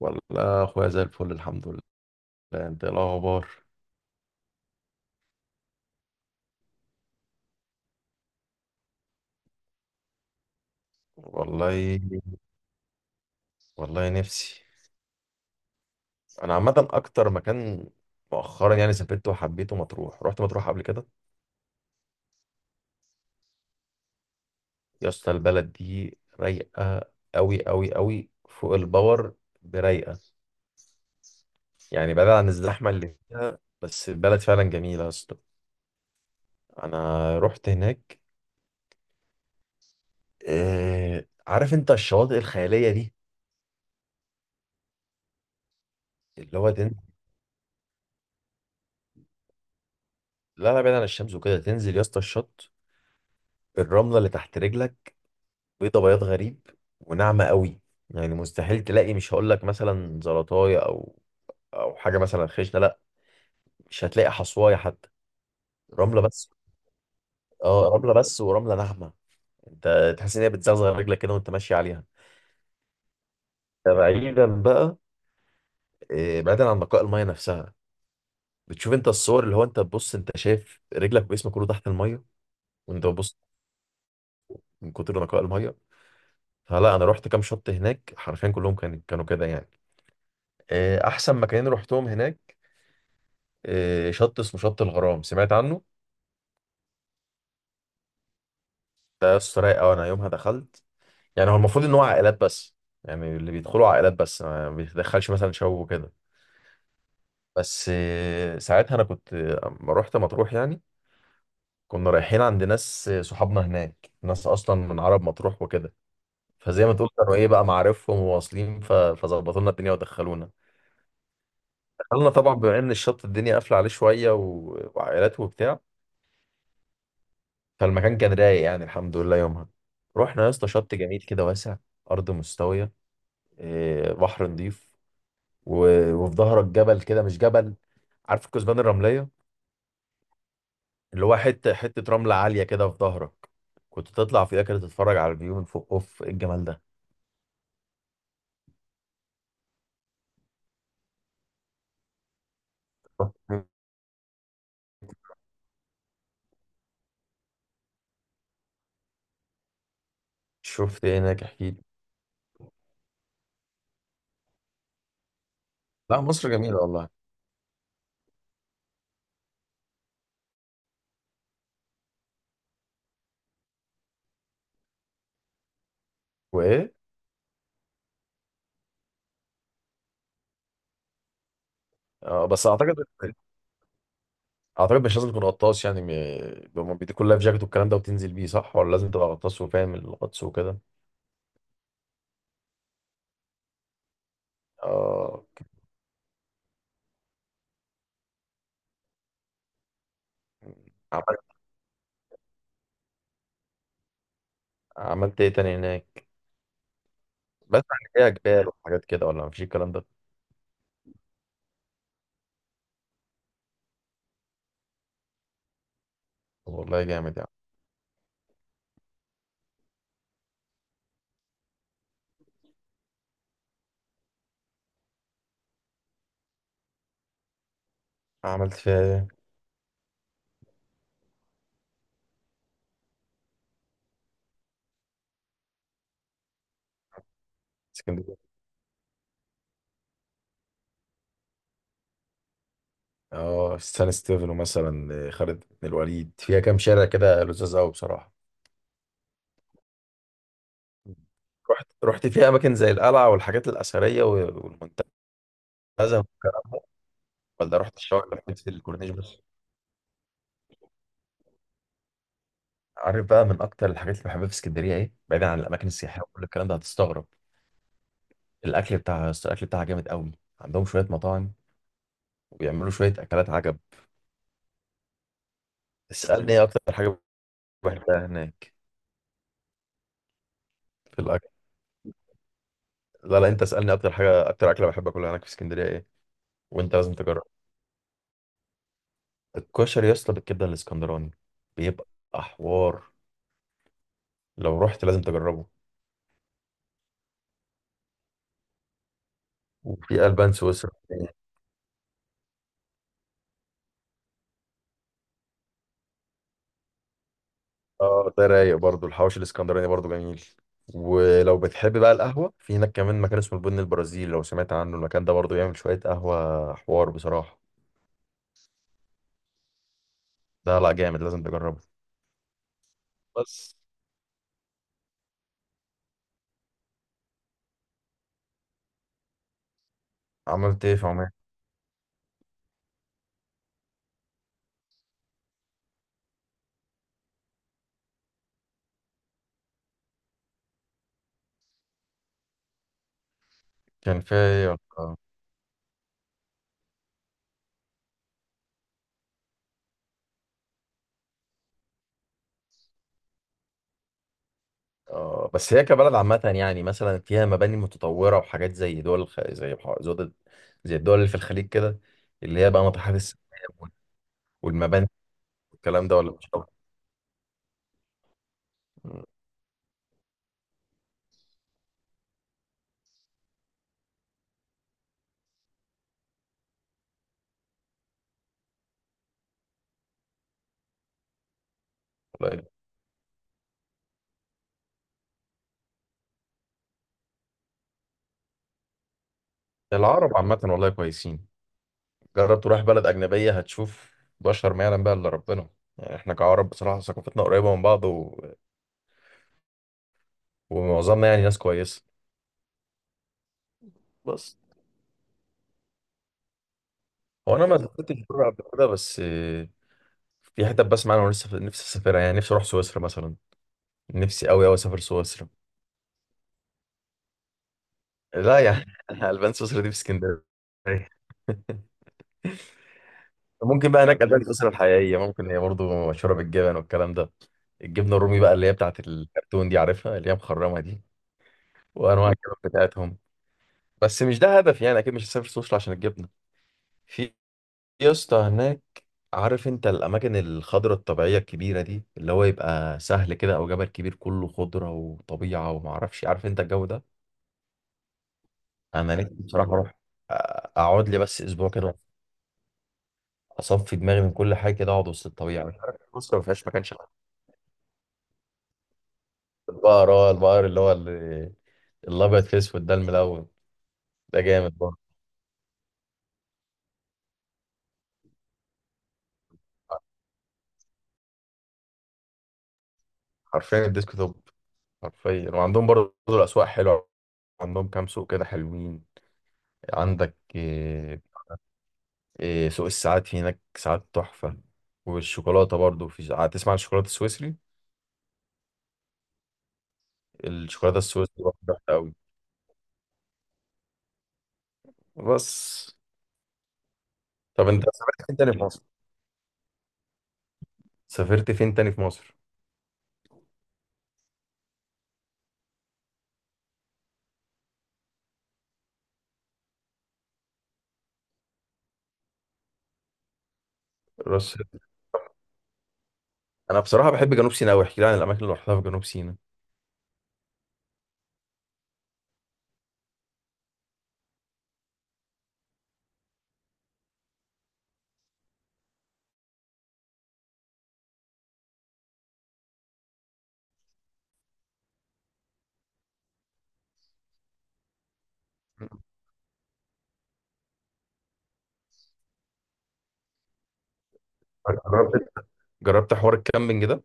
والله اخويا زي الفل، الحمد لله. انت إيه الاخبار؟ والله. والله نفسي. انا عامه اكتر مكان مؤخرا يعني سافرته وحبيته مطروح، رحت مطروح قبل كده. يا اسطى البلد دي رايقه قوي قوي قوي، فوق الباور. برايقه. يعني بعيد عن الزحمه اللي فيها، بس البلد فعلا جميله يا اسطى. انا رحت هناك. عارف انت الشواطئ الخياليه دي. اللي هو تنزل. لا لا، بعيد عن الشمس وكده، تنزل يا اسطى الشط، الرمله اللي تحت رجلك بيضة بياض غريب، وناعمة قوي. يعني مستحيل تلاقي، مش هقول لك مثلا زلطاية او او حاجة مثلا خشنة، لا. مش هتلاقي حصواية حتى. رملة بس. اه رملة بس، ورملة ناعمة. انت تحس ان هي بتزغزغ رجلك كده وانت ماشي عليها. ده بعيدا بقى، بعيدا عن نقاء المية نفسها. بتشوف انت الصور اللي هو انت تبص، انت شايف رجلك وجسمك كله تحت المية وانت بتبص، من كتر نقاء المية. فلا انا رحت كام شط هناك، حرفيا كلهم كانوا كده يعني. احسن مكانين رحتهم هناك، شط اسمه شط الغرام، سمعت عنه. ده يا اسطى رايق قوي. انا يومها دخلت، يعني هو المفروض ان هو عائلات بس، يعني اللي بيدخلوا عائلات بس، ما بيتدخلش مثلا شباب وكده. بس ساعتها انا كنت، اما رحت مطروح يعني كنا رايحين عند ناس صحابنا هناك، ناس اصلا من عرب مطروح وكده. فزي ما تقول كانوا ايه بقى، معارفهم وواصلين، فظبطوا لنا الدنيا ودخلونا. دخلنا طبعا بما ان الشط الدنيا قافله عليه شويه وعائلات وبتاع، فالمكان كان رايق يعني، الحمد لله يومها. رحنا يا اسطى شط جميل كده، واسع، ارض مستويه، بحر نضيف، وفي ظهرك جبل كده، مش جبل، عارف الكثبان الرمليه اللي هو حته حته رمله عاليه كده في ظهرك. كنت تطلع فيها كده تتفرج على الفيو من فوق، اوف إيه الجمال ده. رحت- شفت ايه هناك، احكي لي. لا مصر جميله والله. وايه؟ آه بس اعتقد، اعتقد مش لازم تكون غطاس يعني، هما بيديكوا اللايف جاكيت والكلام ده وتنزل بيه، صح؟ ولا لازم تبقى غطاس وفاهم الغطس وكده؟ اه. عملت ايه تاني هناك؟ بس عن ايه، جبال وحاجات كده ولا مفيش الكلام ده؟ طب والله جامد يعني. عملت فيها ايه؟ اسكندريه. اه سان ستيفانو مثلا، خالد بن الوليد، فيها كام شارع كده لذاذ قوي بصراحه. رحت فيها اماكن زي القلعه والحاجات الاثريه والمنتزه والكلام ده، ولا رحت الشوارع اللي لفيت في الكورنيش بس؟ عارف بقى من اكتر الحاجات اللي بحبها في اسكندريه ايه بعيدا عن الاماكن السياحيه وكل الكلام ده؟ هتستغرب. الاكل بتاعها، الاكل بتاعها جامد قوي. عندهم شويه مطاعم وبيعملوا شويه اكلات عجب. اسالني ايه اكتر حاجه بحبها هناك في الاكل. لا لا، انت اسالني اكتر حاجه، اكتر اكله بحب اكلها هناك في اسكندريه ايه، وانت لازم تجرب. الكشري يا اسطى بالكبده الاسكندراني، بيبقى حوار. لو رحت لازم تجربه. وفي البان سويسرا. اه، ده رايق برضه الحواوشي الاسكندراني برضه جميل. ولو بتحب بقى القهوه، في هناك كمان مكان اسمه البن البرازيلي، لو سمعت عنه، المكان ده برضه بيعمل شويه قهوه حوار بصراحه. ده لا جامد، لازم تجربه. بس. عملت ايه في عمان؟ كان فيا، آه بس هي كبلد عامة يعني مثلا فيها مباني متطورة وحاجات زي دول الخ... زي بح- زود... زي الدول اللي في الخليج كده، اللي هي بقى ناطحات السحاب وال- والمباني والكلام ده، ولا مش قوي؟ ولا إيه؟ العرب عامة والله كويسين. جرب تروح بلد أجنبية هتشوف بشر ما يعلم بقى إلا ربنا. يعني إحنا كعرب بصراحة ثقافتنا قريبة من بعض، و... ومعظمنا يعني ناس كويسة. بس. هو أنا ما سافرتش بره قبل كده، بس في حتت بسمع أنا ولسه نفسي أسافرها، يعني نفسي أروح سويسرا مثلا. نفسي أوي أوي أسافر سويسرا. لا يعني البان سويسرا دي في اسكندريه. ممكن بقى هناك البان سويسرا الحقيقيه، ممكن هي برضو مشهوره بالجبن والكلام ده. الجبنه الرومي بقى اللي هي بتاعت الكرتون دي عارفها، اللي هي مخرمه دي، وانواع الجبن بتاعتهم. بس مش ده هدف، يعني اكيد مش هسافر سويسرا عشان الجبنه. في يا اسطى هناك، عارف انت الاماكن الخضراء الطبيعيه الكبيره دي، اللي هو يبقى سهل كده او جبل كبير كله خضره وطبيعه وما اعرفش، عارف انت الجو ده؟ انا نفسي بصراحه اقعد لي بس اسبوع كده، اصفي دماغي من كل حاجه، كده اقعد وسط الطبيعه. مش عارف مصر ما فيهاش مكان شبه. البقر، اه البقر اللي هو الابيض في اسود ده الملون، ده جامد برضه. حرفيا الديسك توب، حرفيا. وعندهم برضه الاسواق حلوه، عندهم كام سوق كده حلوين. عندك إيه؟ إيه سوق الساعات في هناك، ساعات تحفه. والشوكولاته برضه، في ساعات تسمع عن الشوكولاته السويسري، الشوكولاته السويسري برضه تحفه قوي. بس. طب انت سافرت فين تاني في مصر؟ سافرت فين تاني في مصر؟ راس. انا بصراحه بحب جنوب سيناء قوي، احكي لي عن الاماكن اللي رحتها في جنوب سيناء. جربت، جربت حوار الكامبينج ده؟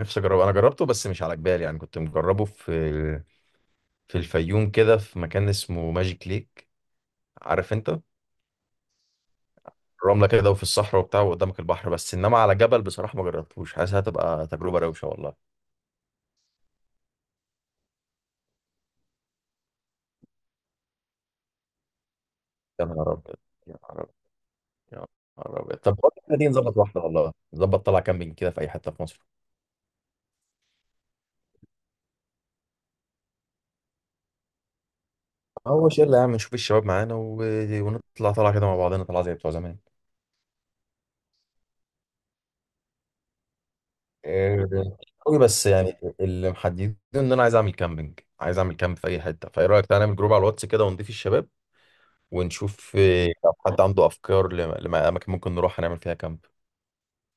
نفسي اجربه. انا جربته بس مش على جبال، يعني كنت مجربه في في الفيوم كده، في مكان اسمه ماجيك ليك، عارف انت؟ رمله كده وفي الصحراء وبتاع وقدامك البحر، بس انما على جبل بصراحه ما جربتوش، حاسس هتبقى تجربه روشه والله. يا نهار ابيض، يا نهار ابيض، يا نهار ابيض. طب بقول لك إيه، دي نظبط واحده والله، نظبط طلع كامبينج كده في اي حته في مصر. هو شله يا عم، نشوف الشباب معانا، و... ونطلع طلع كده مع بعضنا طلع زي بتوع زمان. قوي، بس يعني اللي محددين ان انا عايز اعمل كامبينج، عايز اعمل كامب في اي حته. فايه رايك، تعالى نعمل جروب على الواتس كده ونضيف الشباب، ونشوف لو حد عنده افكار لاماكن ممكن نروح هنعمل فيها كامب.